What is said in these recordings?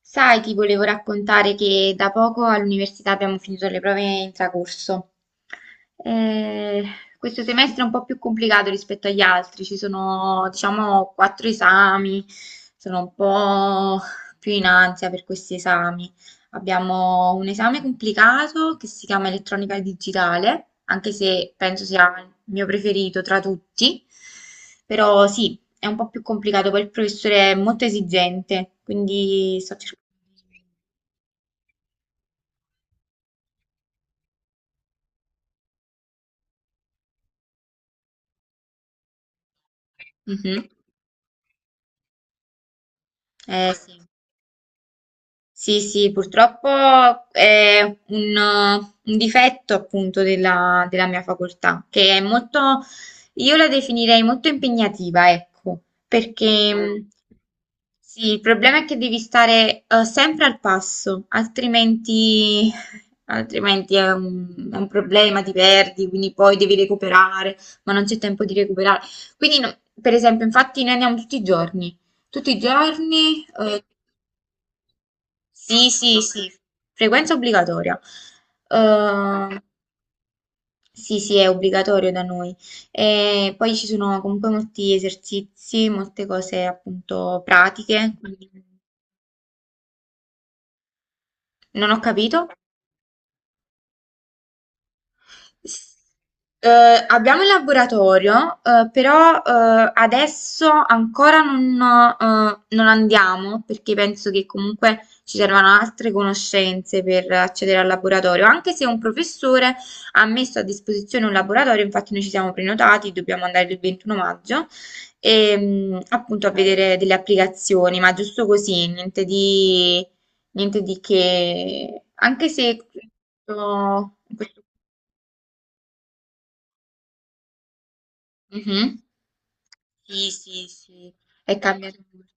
Sai, ti volevo raccontare che da poco all'università abbiamo finito le prove intracorso. Eh, Questo semestre è un po' più complicato rispetto agli altri, ci sono, diciamo, quattro esami, sono un po' più in ansia per questi esami. Abbiamo un esame complicato che si chiama elettronica digitale, anche se penso sia il mio preferito tra tutti. Però sì, è un po' più complicato, poi il professore è molto esigente, quindi sto cercando di... Mhm. Eh sì. Sì, sì, purtroppo è un, un difetto appunto della mia facoltà, che è molto, io la definirei molto impegnativa, ecco, perché sì, il problema è che devi stare sempre al passo, altrimenti, altrimenti è è un problema, ti perdi, quindi poi devi recuperare, ma non c'è tempo di recuperare. Quindi, per esempio, infatti noi andiamo tutti i giorni, tutti i giorni. Sì, sì, sì, frequenza obbligatoria. Eh, sì, sì, è obbligatorio da noi. E poi ci sono comunque molti esercizi, molte cose appunto pratiche. Quindi non ho capito. S- Abbiamo il laboratorio, però adesso ancora non andiamo perché penso che comunque ci servano altre conoscenze per accedere al laboratorio, anche se un professore ha messo a disposizione un laboratorio, infatti noi ci siamo prenotati, dobbiamo andare il 21 maggio e appunto a vedere delle applicazioni, ma giusto così, niente di che, anche se in questo. Mh-mh. Sì, sì, sì, è cambiato molto.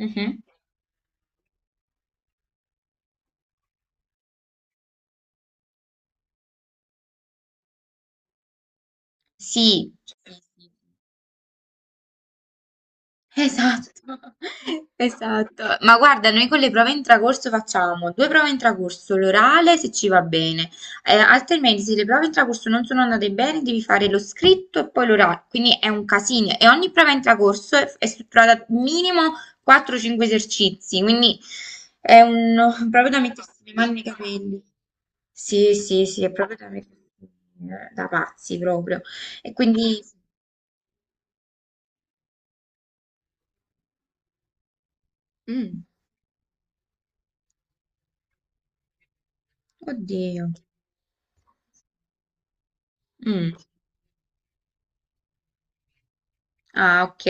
Mh-mh. Sì, sì, sì. Esatto, esatto. Ma guarda, noi con le prove intracorso facciamo due prove intracorso, l'orale se ci va bene, altrimenti se le prove intracorso non sono andate bene devi fare lo scritto e poi l'orale, quindi è un casino e ogni prova intracorso è strutturata minimo quattro o cinque esercizi, quindi è un proprio da mettersi le mani nei capelli. Sì, sì, sì, è proprio da pazzi proprio. E quindi, mm, oddio. Mm. Ah, ok.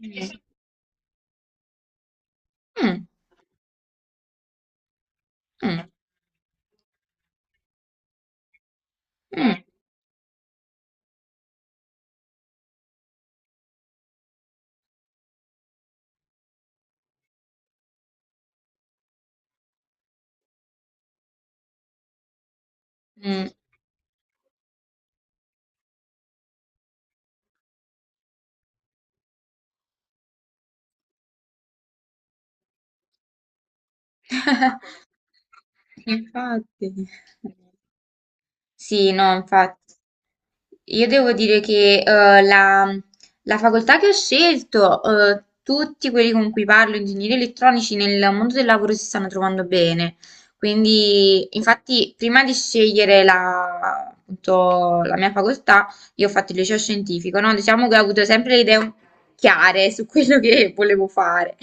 Mm, mm, mm, mm, mm. Infatti. Sì, no, infatti. Io devo dire che la facoltà che ho scelto, tutti quelli con cui parlo, ingegneri elettronici, nel mondo del lavoro si stanno trovando bene. Quindi, infatti, prima di scegliere la, appunto, la mia facoltà, io ho fatto il liceo scientifico, no? Diciamo che ho avuto sempre le idee chiare su quello che volevo fare.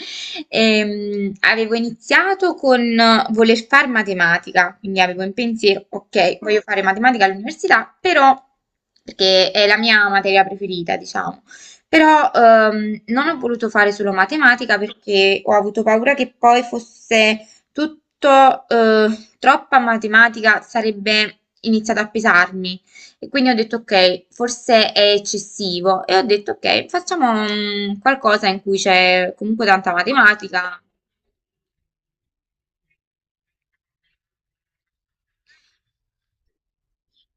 Avevo iniziato con voler fare matematica, quindi avevo in pensiero, ok, voglio fare matematica all'università, però, perché è la mia materia preferita, diciamo, però non ho voluto fare solo matematica perché ho avuto paura che poi fosse tutto troppa matematica, sarebbe iniziato a pesarmi. E quindi ho detto ok, forse è eccessivo e ho detto ok, facciamo mm, qualcosa in cui c'è comunque tanta matematica.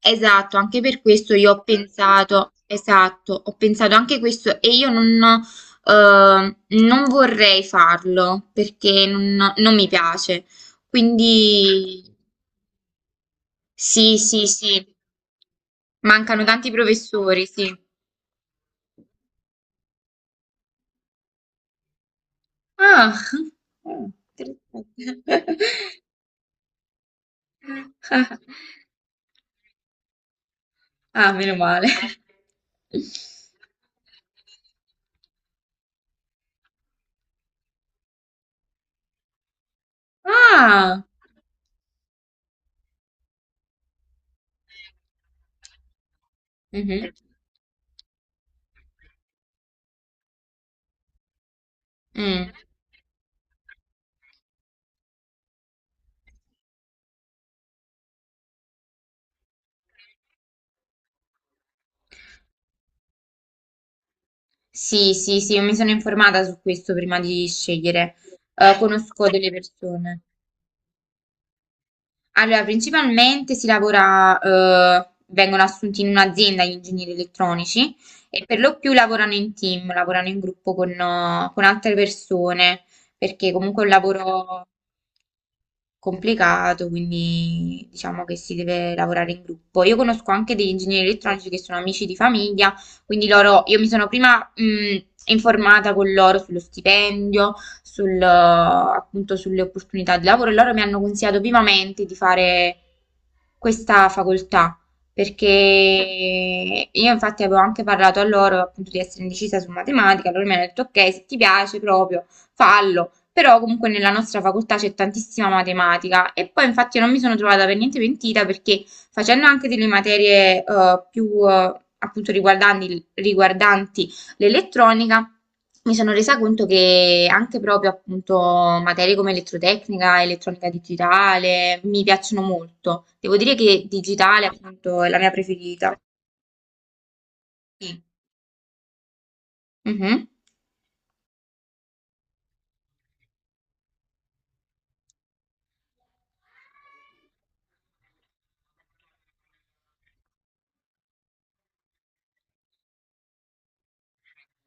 Esatto, anche per questo io ho pensato, esatto, ho pensato anche questo e io non, non vorrei farlo perché non mi piace. Quindi sì, sì, sì, mancano tanti professori, sì. Ah, interessante. Ah, meno male. Ah! Mhm. Mm. Sì, sì, sì, io mi sono informata su questo prima di scegliere. Conosco delle persone. Allora, principalmente si lavora, vengono assunti in un'azienda gli ingegneri elettronici e per lo più lavorano in team, lavorano in gruppo con altre persone, perché comunque è un lavoro complicato, quindi diciamo che si deve lavorare in gruppo. Io conosco anche degli ingegneri elettronici che sono amici di famiglia, quindi loro, io mi sono prima informata con loro sullo stipendio, appunto sulle opportunità di lavoro e loro mi hanno consigliato vivamente di fare questa facoltà. Perché io infatti avevo anche parlato a loro appunto di essere indecisa su matematica, loro mi hanno detto ok, se ti piace proprio fallo, però comunque nella nostra facoltà c'è tantissima matematica e poi infatti non mi sono trovata per niente pentita perché facendo anche delle materie più appunto riguardanti l'elettronica mi sono resa conto che anche proprio appunto materie come elettrotecnica, elettronica digitale mi piacciono molto. Devo dire che digitale appunto è la mia preferita. Sì. Mhm.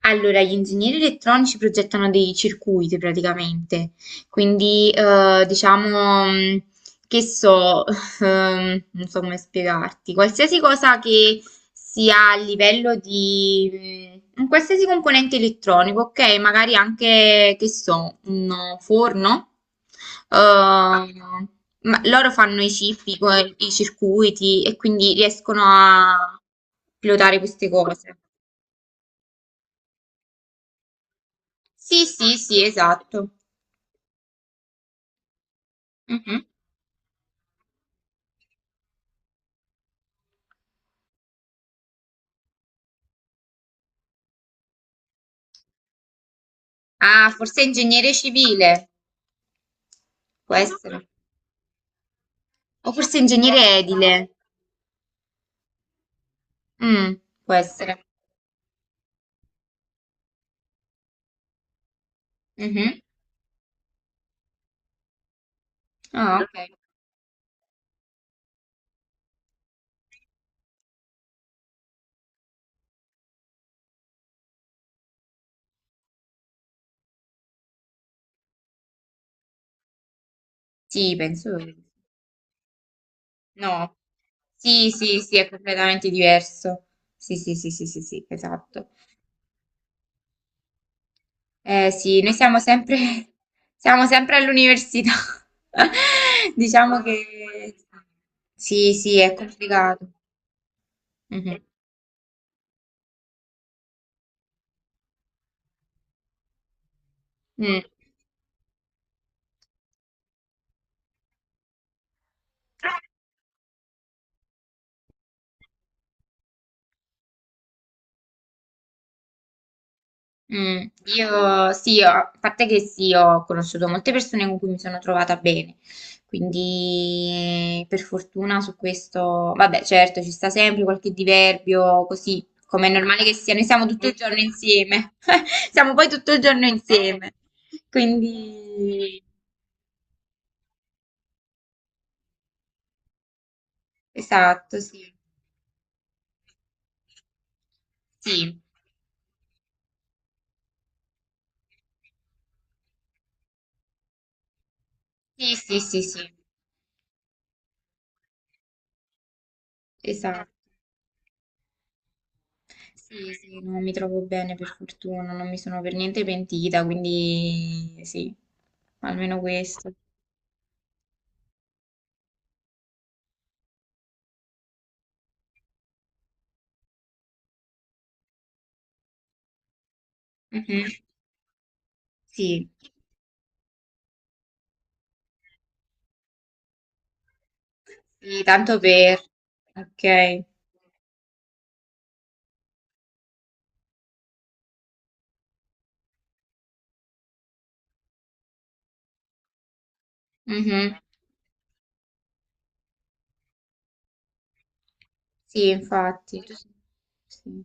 Allora, gli ingegneri elettronici progettano dei circuiti praticamente, quindi diciamo che so, non so come spiegarti, qualsiasi cosa che sia a livello di un qualsiasi componente elettronico, ok? Magari anche, che so, un forno, ehm, ma loro fanno i chip, i circuiti e quindi riescono a pilotare queste cose. Sì, sì, sì, esatto. Mhm. Ah, forse ingegnere civile, può essere. O forse ingegnere edile. Mm, può essere. Mhm. Ah, ok. Sì, penso. No. Sì, sì, sì, è completamente diverso. Sì, sì, sì, sì, sì, sì, esatto. Sì, noi siamo sempre, siamo sempre all'università. Diciamo che sì, sì, è complicato. Mhm. Mm. Mm, io sì, a parte che sì, ho conosciuto molte persone con cui mi sono trovata bene, quindi per fortuna su questo, vabbè, certo, ci sta sempre qualche diverbio, così come è normale che sia, noi siamo tutto il giorno insieme, siamo poi tutto il giorno insieme, quindi esatto, sì, sì, sì, sì, sì, sì, esatto. Sì, sì, non mi trovo bene per fortuna, non mi sono per niente pentita, quindi sì, almeno questo. Mhm. Sì, sì, tanto per. Ok. Mhm. Sì, infatti. Sì.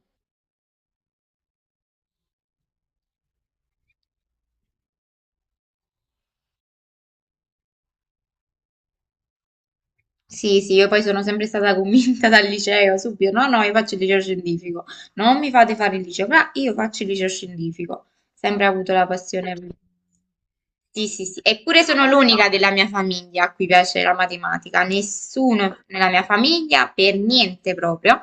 Sì, sì, io poi sono sempre stata convinta dal liceo, subito, no, no, io faccio il liceo scientifico, non mi fate fare il liceo, ma io faccio il liceo scientifico, sempre avuto la passione. Sì, sì, sì, eppure sono l'unica della mia famiglia a cui piace la matematica, nessuno nella mia famiglia, per niente proprio.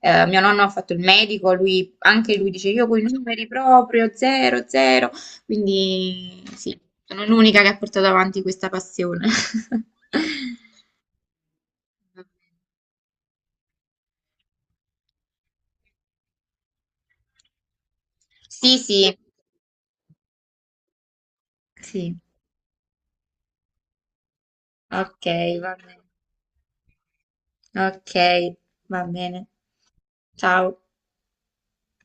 Mio nonno ha fatto il medico, lui, anche lui dice io con i numeri proprio, zero, zero, quindi sì, sono l'unica che ha portato avanti questa passione. Sì, sì, sì, ok, va bene. Ok, va bene. Ciao.